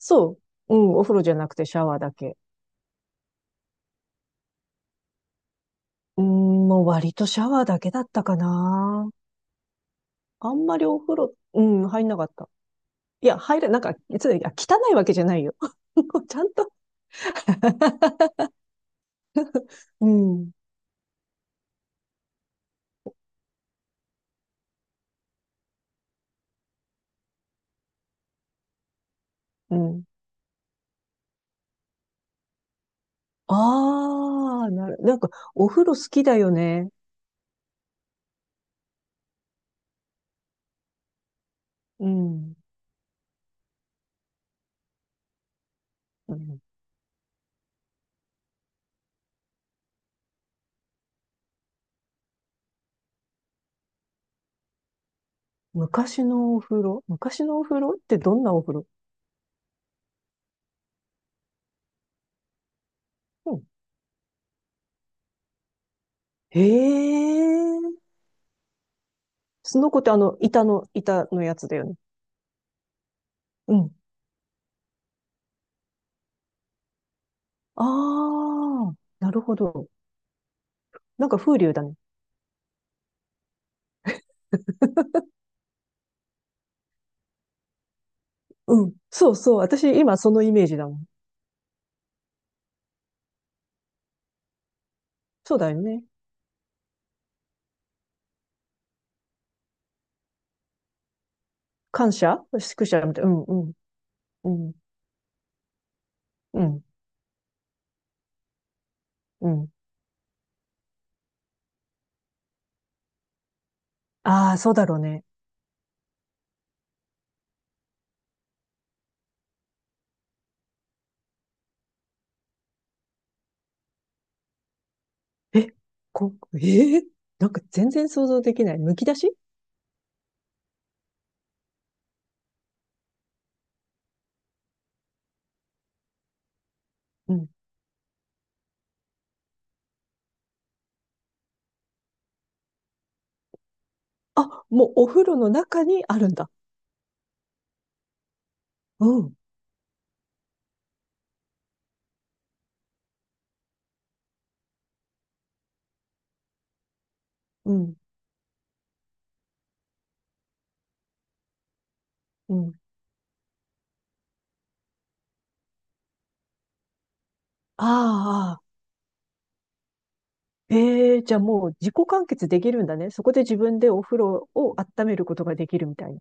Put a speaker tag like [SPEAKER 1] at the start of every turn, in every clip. [SPEAKER 1] そう。うん、お風呂じゃなくてシャワーだけ。うん、もう割とシャワーだけだったかな。あんまりお風呂、うん、入んなかった。いや、入れ、つい、あ汚いわけじゃないよ。ちゃんと。うん、うん。ああ、なる、お風呂好きだよね。うん。うん、昔のお風呂、昔のお風呂ってどんなお風呂。うん。へえ。その子ってあの、板のやつだよね。うん。ああ、なるほど。なんか風流だね。うん。そうそう。私、今そのイメージだもん。そうだよね。感謝、宿舎みたいな。うんうん。うん。うん。うん。ああ、そうだろうね。え、こ、ええ、なんか全然想像できない。むき出し。うん。あ、もうお風呂の中にあるんだ。うん。うん。うん。ああ、ええー、じゃあもう自己完結できるんだね。そこで自分でお風呂を温めることができるみたいな。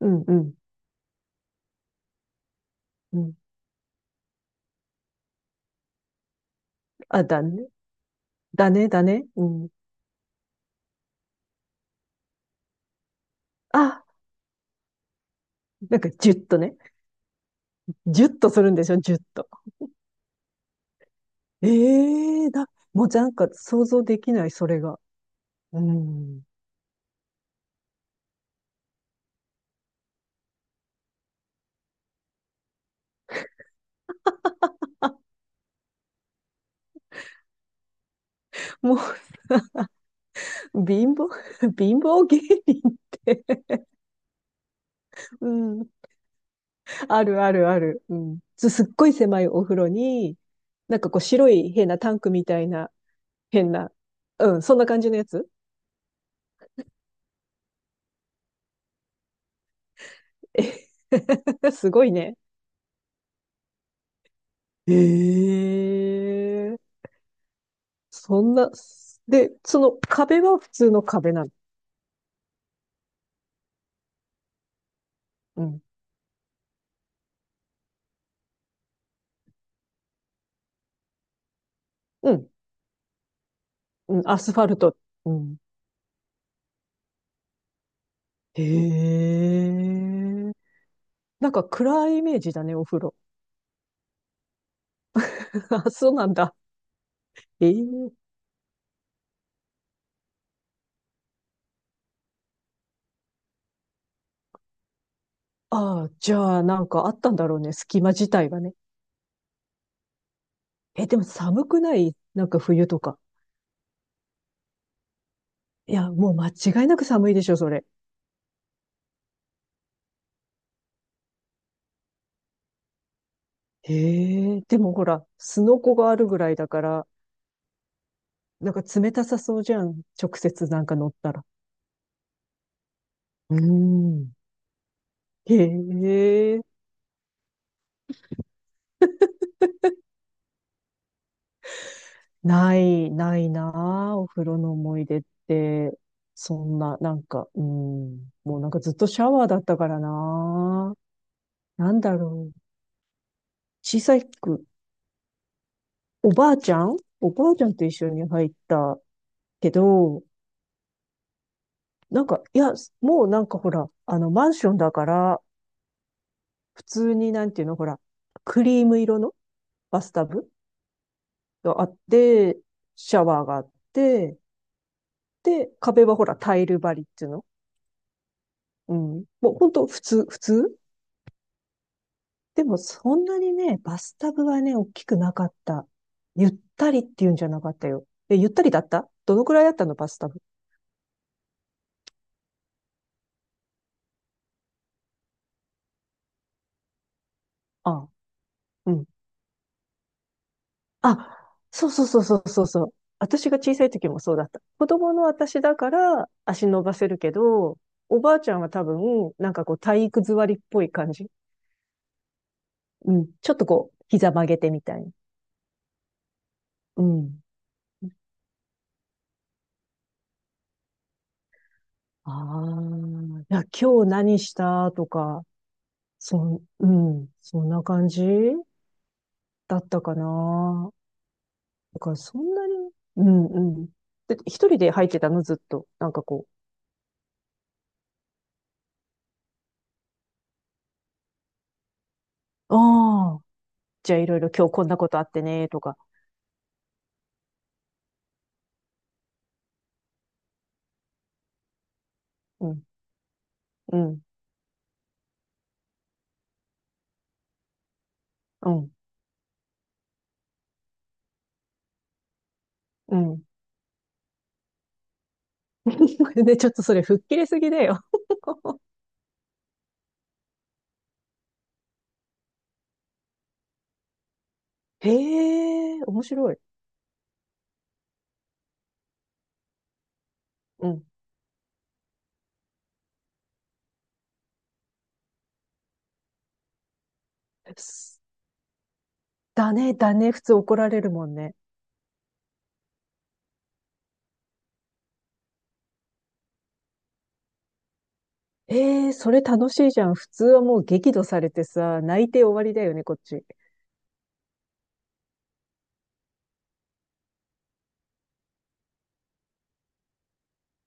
[SPEAKER 1] うんうん。うん。あ、だね。だね、だね。うん。あ、なんかジュッとね。ジュッとするんでしょ、ジュッと。ええだ、もうなんか想像できない、それが。うん。もう、貧乏、貧乏芸人って、うん。あるあるある。うん。すすっごい狭いお風呂に、なんかこう白い変なタンクみたいな、変な、うん、そんな感じのやつ。え、 すごいね。ええ、そんな、で、その壁は普通の壁なの。うん。うん。うん、アスファルト。うん。へえ。なんか暗いイメージだね、お風呂。あ、そうなんだ。ええ。ああ、じゃあなんかあったんだろうね、隙間自体がね。え、でも寒くない、なんか冬とか。いや、もう間違いなく寒いでしょ、それ。へえ。でもほら、すのこがあるぐらいだから、なんか冷たさそうじゃん。直接なんか乗ったら。うーん。へえ。ない、ないなあ、お風呂の思い出って。そんな、うん。もうなんかずっとシャワーだったからなあ。なんだろう。小さく、おばあちゃんと一緒に入ったけど、いや、もうなんかほら、あの、マンションだから、普通になんていうの、ほら、クリーム色のバスタブがあって、シャワーがあって、で、壁はほら、タイル張りっていうの。うん。もうほんと、普通。でもそんなにね、バスタブはね、大きくなかった。ゆったりっていうんじゃなかったよ。え、ゆったりだった、どのくらいだったの、バスタブ。ああ、うん。あ、そうそうそうそうそうそう。私が小さい時もそうだった。子供の私だから足伸ばせるけど、おばあちゃんは多分、なんかこう体育座りっぽい感じ。うん。ちょっとこう、膝曲げてみたいな。うん。ああ、いや、今日何したとか、そん、うん、そんな感じだったかな。だからそんなに、うんうん。で、一人で入ってたの、ずっと。なんかこう、ああ、じゃあいろいろ今日こんなことあってね、とか。うん、うん、うん、うん。で、ちょっとそれ吹っ切れすぎだよ。へえ、面白い。うん。す、だね、だね、普通怒られるもんね。ええ、それ楽しいじゃん。普通はもう激怒されてさ、泣いて終わりだよね、こっち。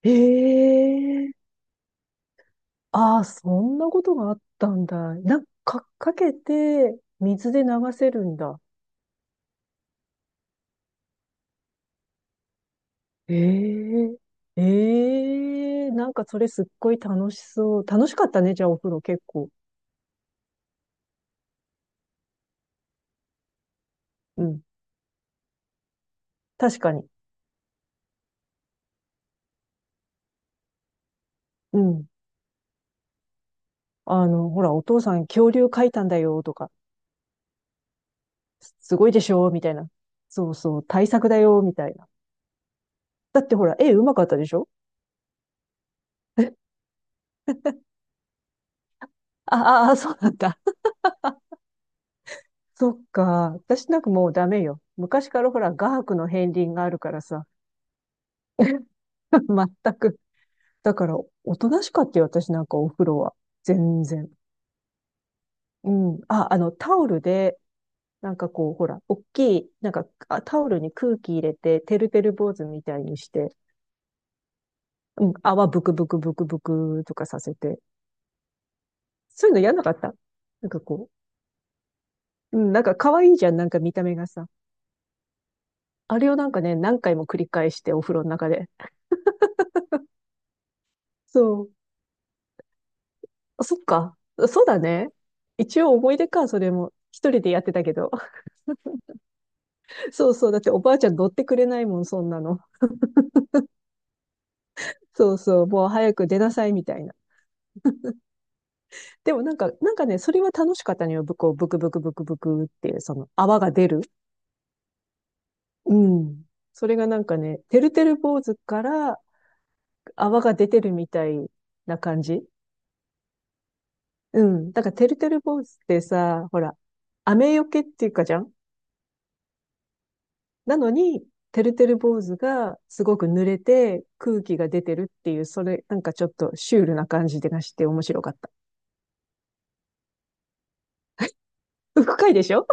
[SPEAKER 1] へえ。ああ、そんなことがあったんだ。なんか、かけて、水で流せるんだ。えええ、えなんかそれすっごい楽しそう。楽しかったね、じゃあお風呂結構。うん。確かに。うん。あの、ほら、お父さん恐竜描いたんだよ、とか。す、すごいでしょ、みたいな。そうそう、対策だよ、みたいな。だってほら、絵うまかったでしょ。ああ、あ、そうなんだ。そっか。私なんかもうダメよ。昔からほら、画伯の片鱗があるからさ。全く。だから、おとなしかったよ、私なんかお風呂は。全然。うん。あ、あの、タオルで、なんかこう、ほら、大きい、なんか、あ、タオルに空気入れて、てるてる坊主みたいにして、うん、泡ブクブクブクブクとかさせて。そういうのやんなかった、なんかこう、うん、なんか可愛いじゃん、なんか見た目がさ。あれをなんかね、何回も繰り返して、お風呂の中で。そう。あ、そっか。そうだね。一応思い出か、それも。一人でやってたけど。そうそう。だっておばあちゃん乗ってくれないもん、そんなの。そうそう、もう早く出なさいみたいな。でもなんか、なんかね、それは楽しかったのよ。ぶこう、ブクブクブクブクっていう、その泡が出る。うん。それがなんかね、てるてる坊主から泡が出てるみたいな感じ。うん。だからてるてる坊主ってさ、ほら、雨よけっていうかじゃん。なのに、てるてる坊主がすごく濡れて空気が出てるっていう、それなんかちょっとシュールな感じがして面白かった。深いでしょ。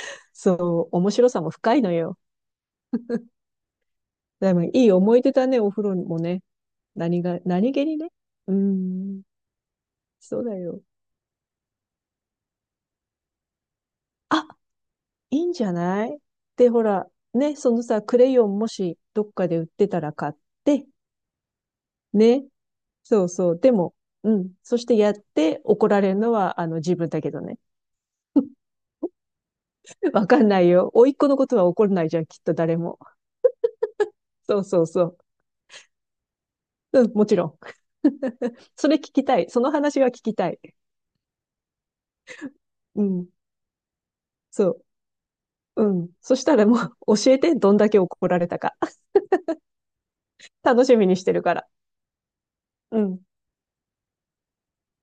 [SPEAKER 1] そう、面白さも深いのよ。でもいい思い出だね、お風呂もね。何が、何気にね。うん、そうだよ。あ、いいんじゃない。で、ほら、ね、そのさ、クレヨンもしどっかで売ってたら買って、ね、そうそう。でも、うん。そしてやって怒られるのは、あの、自分だけどね。わかんないよ。甥っ子のことは怒らないじゃん、きっと誰も。そうそうそう。うん、もちろん。それ聞きたい。その話は聞きたい。うん、そう。うん。そしたらもう、教えて、どんだけ怒られたか。楽しみにしてるから。うん。